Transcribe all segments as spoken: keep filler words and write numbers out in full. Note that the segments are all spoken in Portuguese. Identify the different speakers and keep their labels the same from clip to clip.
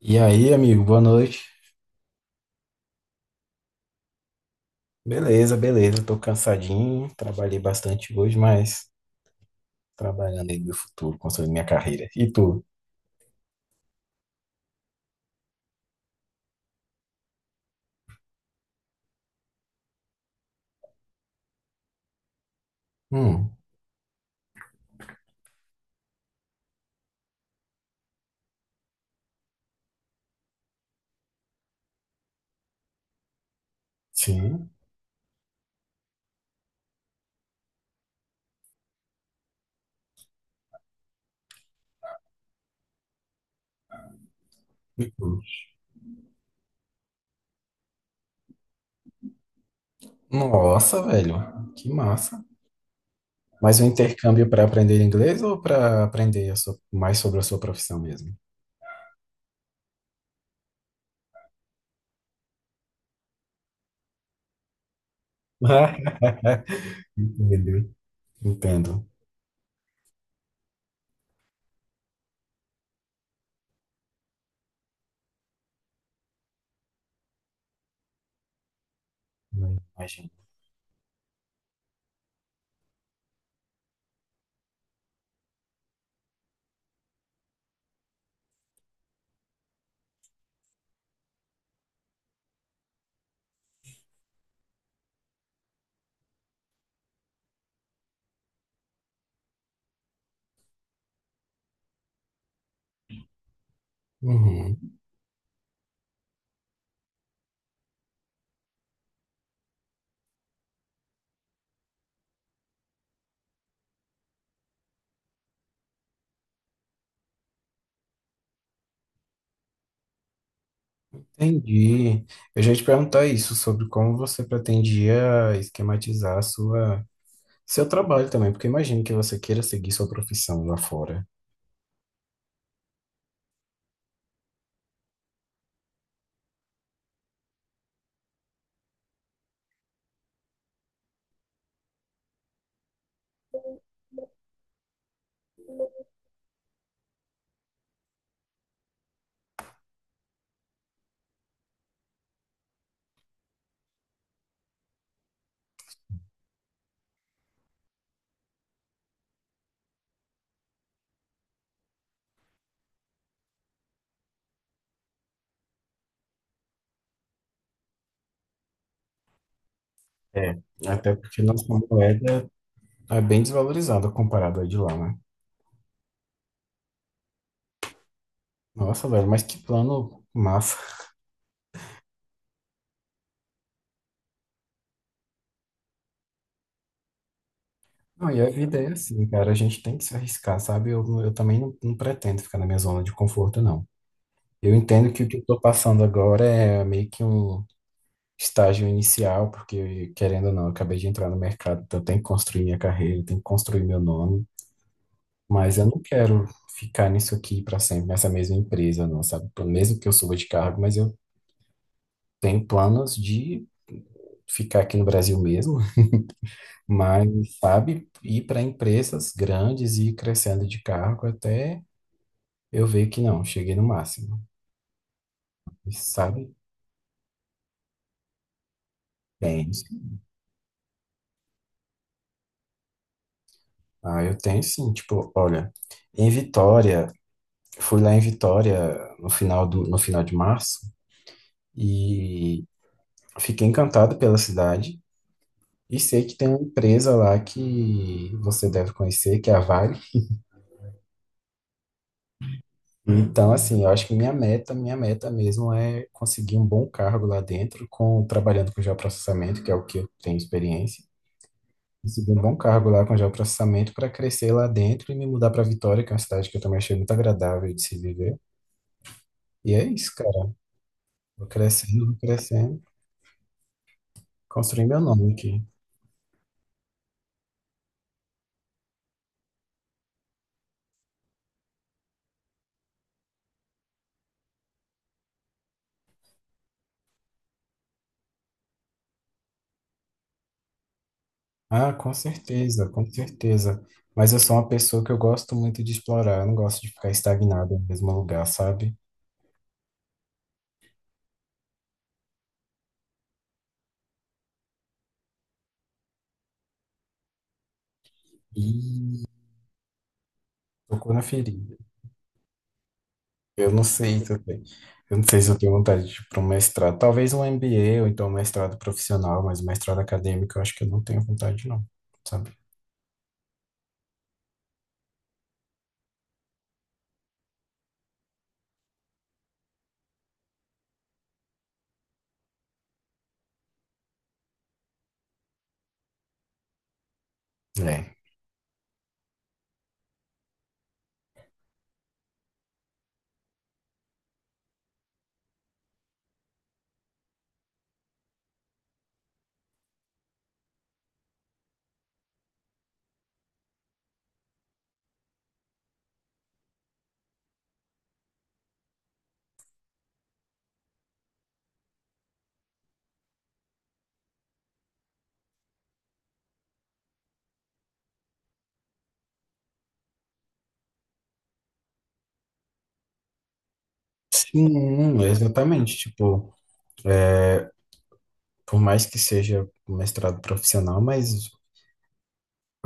Speaker 1: E aí, amigo, boa noite. Beleza, beleza. Tô cansadinho, trabalhei bastante hoje, mas trabalhando aí no meu futuro, construindo minha carreira. E tu? Hum, sim. E tu? Nossa, velho, que massa. Mas o intercâmbio para aprender inglês ou para aprender a sua- mais sobre a sua profissão mesmo? Entendo, entendo. Imagino. Uhum, entendi. Eu já ia te perguntar isso, sobre como você pretendia esquematizar a sua seu trabalho também, porque imagino que você queira seguir sua profissão lá fora. É. Até porque nossa moeda é bem desvalorizada comparado à de lá, né? Nossa, velho, mas que plano massa. Não, e a vida é assim, cara, a gente tem que se arriscar, sabe? Eu, eu também não, não pretendo ficar na minha zona de conforto, não. Eu entendo que o que eu tô passando agora é meio que um estágio inicial, porque, querendo ou não, eu acabei de entrar no mercado, então eu tenho que construir minha carreira, eu tenho que construir meu nome. Mas eu não quero ficar nisso aqui para sempre, nessa mesma empresa, não, sabe? Pelo mesmo que eu suba de cargo, mas eu tenho planos de ficar aqui no Brasil mesmo, mas, sabe, ir para empresas grandes e ir crescendo de cargo até eu ver que não, cheguei no máximo, sabe? Tenho, sim. Ah, eu tenho sim, tipo, olha, em Vitória, fui lá em Vitória no final do, no final de março e fiquei encantado pela cidade. E sei que tem uma empresa lá que você deve conhecer, que é a Vale. Então, assim, eu acho que minha meta, minha meta mesmo é conseguir um bom cargo lá dentro, com trabalhando com geoprocessamento, que é o que eu tenho experiência. Conseguir um bom cargo lá com geoprocessamento para crescer lá dentro e me mudar para Vitória, que é uma cidade que eu também achei muito agradável de se viver. E é isso, cara. Vou crescendo, vou crescendo, construindo meu nome aqui. Ah, com certeza, com certeza. Mas eu sou uma pessoa que eu gosto muito de explorar, eu não gosto de ficar estagnado no mesmo lugar, sabe? E tocou na ferida. Eu não sei se eu tenho, eu não sei se eu tenho vontade de ir para um mestrado. Talvez um M B A ou então um mestrado profissional, mas um mestrado acadêmico eu acho que eu não tenho vontade, não, sabe? É. Sim, exatamente. Tipo, é, por mais que seja um mestrado profissional, mas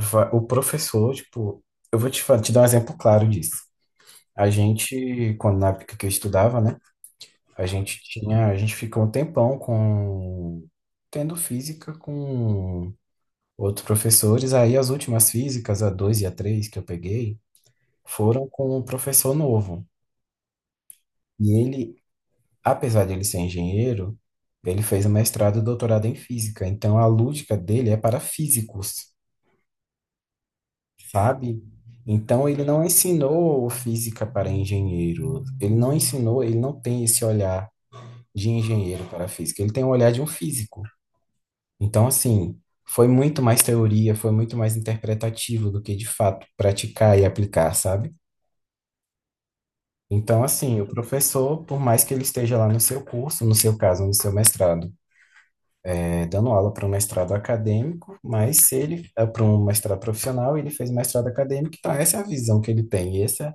Speaker 1: va- o professor, tipo, eu vou te, fa- te dar um exemplo claro disso. A gente, quando na época que eu estudava, né? A gente tinha, a gente ficou um tempão com tendo física com outros professores. Aí as últimas físicas, a dois e a três que eu peguei, foram com um professor novo. E ele, apesar de ele ser engenheiro, ele fez o mestrado e doutorado em física. Então a lógica dele é para físicos, sabe? Então ele não ensinou física para engenheiro. Ele não ensinou, ele não tem esse olhar de engenheiro para física. Ele tem o olhar de um físico. Então, assim, foi muito mais teoria, foi muito mais interpretativo do que de fato praticar e aplicar, sabe? Então, assim, o professor, por mais que ele esteja lá no seu curso, no seu caso, no seu mestrado, é, dando aula para um mestrado acadêmico, mas se ele é para um mestrado profissional, ele fez mestrado acadêmico, então essa é a visão que ele tem, essa,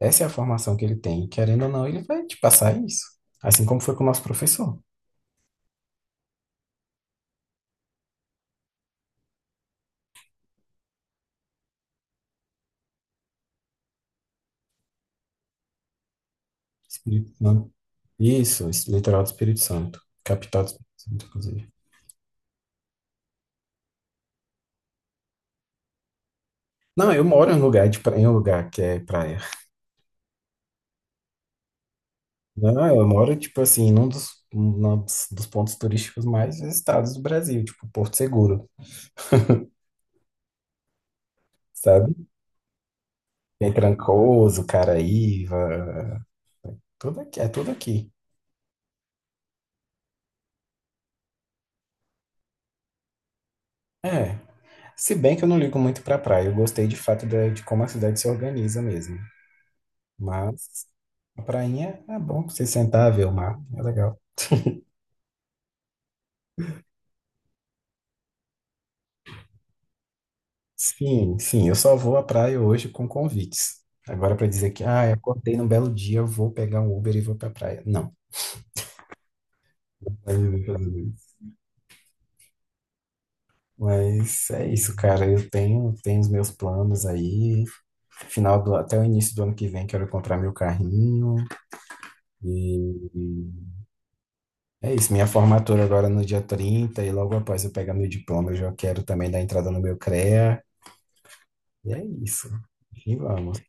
Speaker 1: essa é a formação que ele tem. Querendo ou não, ele vai te passar isso. Assim como foi com o nosso professor. Espírito Santo. Isso, es- litoral do Espírito Santo. Capital do Espírito Santo, inclusive. Não, eu moro em um lugar, de pra- em um lugar que é praia. Não, eu moro, tipo assim, num dos, num dos dos pontos turísticos mais visitados do Brasil, tipo Porto Seguro, sabe? Tem Trancoso, Caraíva, tudo aqui, é tudo aqui. É, se bem que eu não ligo muito pra praia, eu gostei de fato de, de como a cidade se organiza mesmo. Mas a prainha é bom pra você sentar, ver o mar, é legal. Sim, sim, eu só vou à praia hoje com convites. Agora para dizer que, ah, eu acordei num belo dia, eu vou pegar um Uber e vou pra praia. Não. Aí eu vou fazer isso. Mas é isso, cara. Eu tenho, tenho os meus planos aí. Final do, até o início do ano que vem, quero comprar meu carrinho. E é isso. Minha formatura agora é no dia trinta e logo após eu pegar meu diploma, eu já quero também dar entrada no meu C R E A. E é isso. E vamos.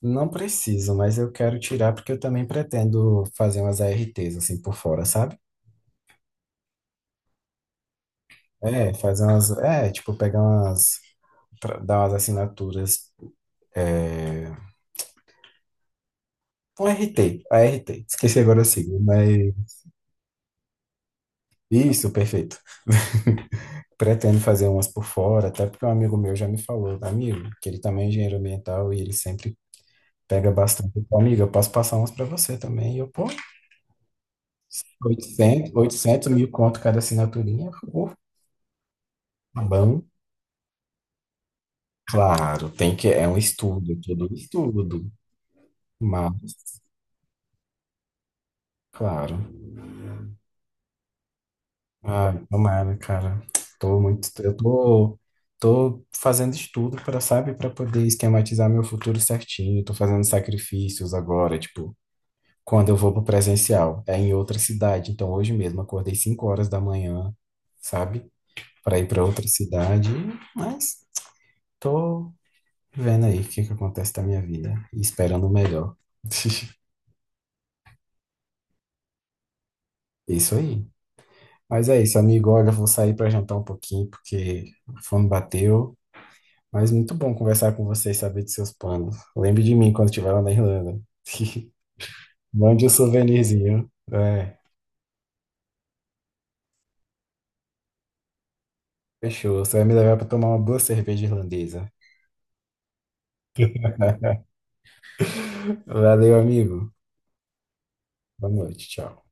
Speaker 1: Não preciso, mas eu quero tirar porque eu também pretendo fazer umas A R Ts assim por fora, sabe? É, fazer umas. É, tipo, pegar umas. tra- Dar umas assinaturas. É, um R T, A R T. Esqueci agora o sigla, mas. Isso, perfeito. Pretendo fazer umas por fora, até porque um amigo meu já me falou, amigo, que ele também é engenheiro ambiental e ele sempre pega bastante. Ele falou: amigo, eu posso passar umas para você também. E eu, pô, oitocentos oitocentos mil conto cada assinaturinha. Pô, tá bom. Claro, tem que, é um estudo, é todo um estudo, mas, claro. Ai, tomara, cara. Tô muito, eu tô, Tô fazendo estudo para, sabe, para poder esquematizar meu futuro certinho. Tô fazendo sacrifícios agora, tipo, quando eu vou pro presencial, é em outra cidade. Então, hoje mesmo acordei cinco horas da manhã, sabe, para ir para outra cidade, mas tô vendo aí o que que acontece na minha vida e esperando o melhor. Isso aí. Mas é isso, amigo. Olha, eu vou sair para jantar um pouquinho porque a fome bateu. Mas muito bom conversar com você e saber de seus planos. Lembre de mim quando estiver lá na Irlanda. Mande um souvenirzinho. É, fechou. Você vai me levar para tomar uma boa cerveja irlandesa. Valeu, amigo. Boa noite. Tchau.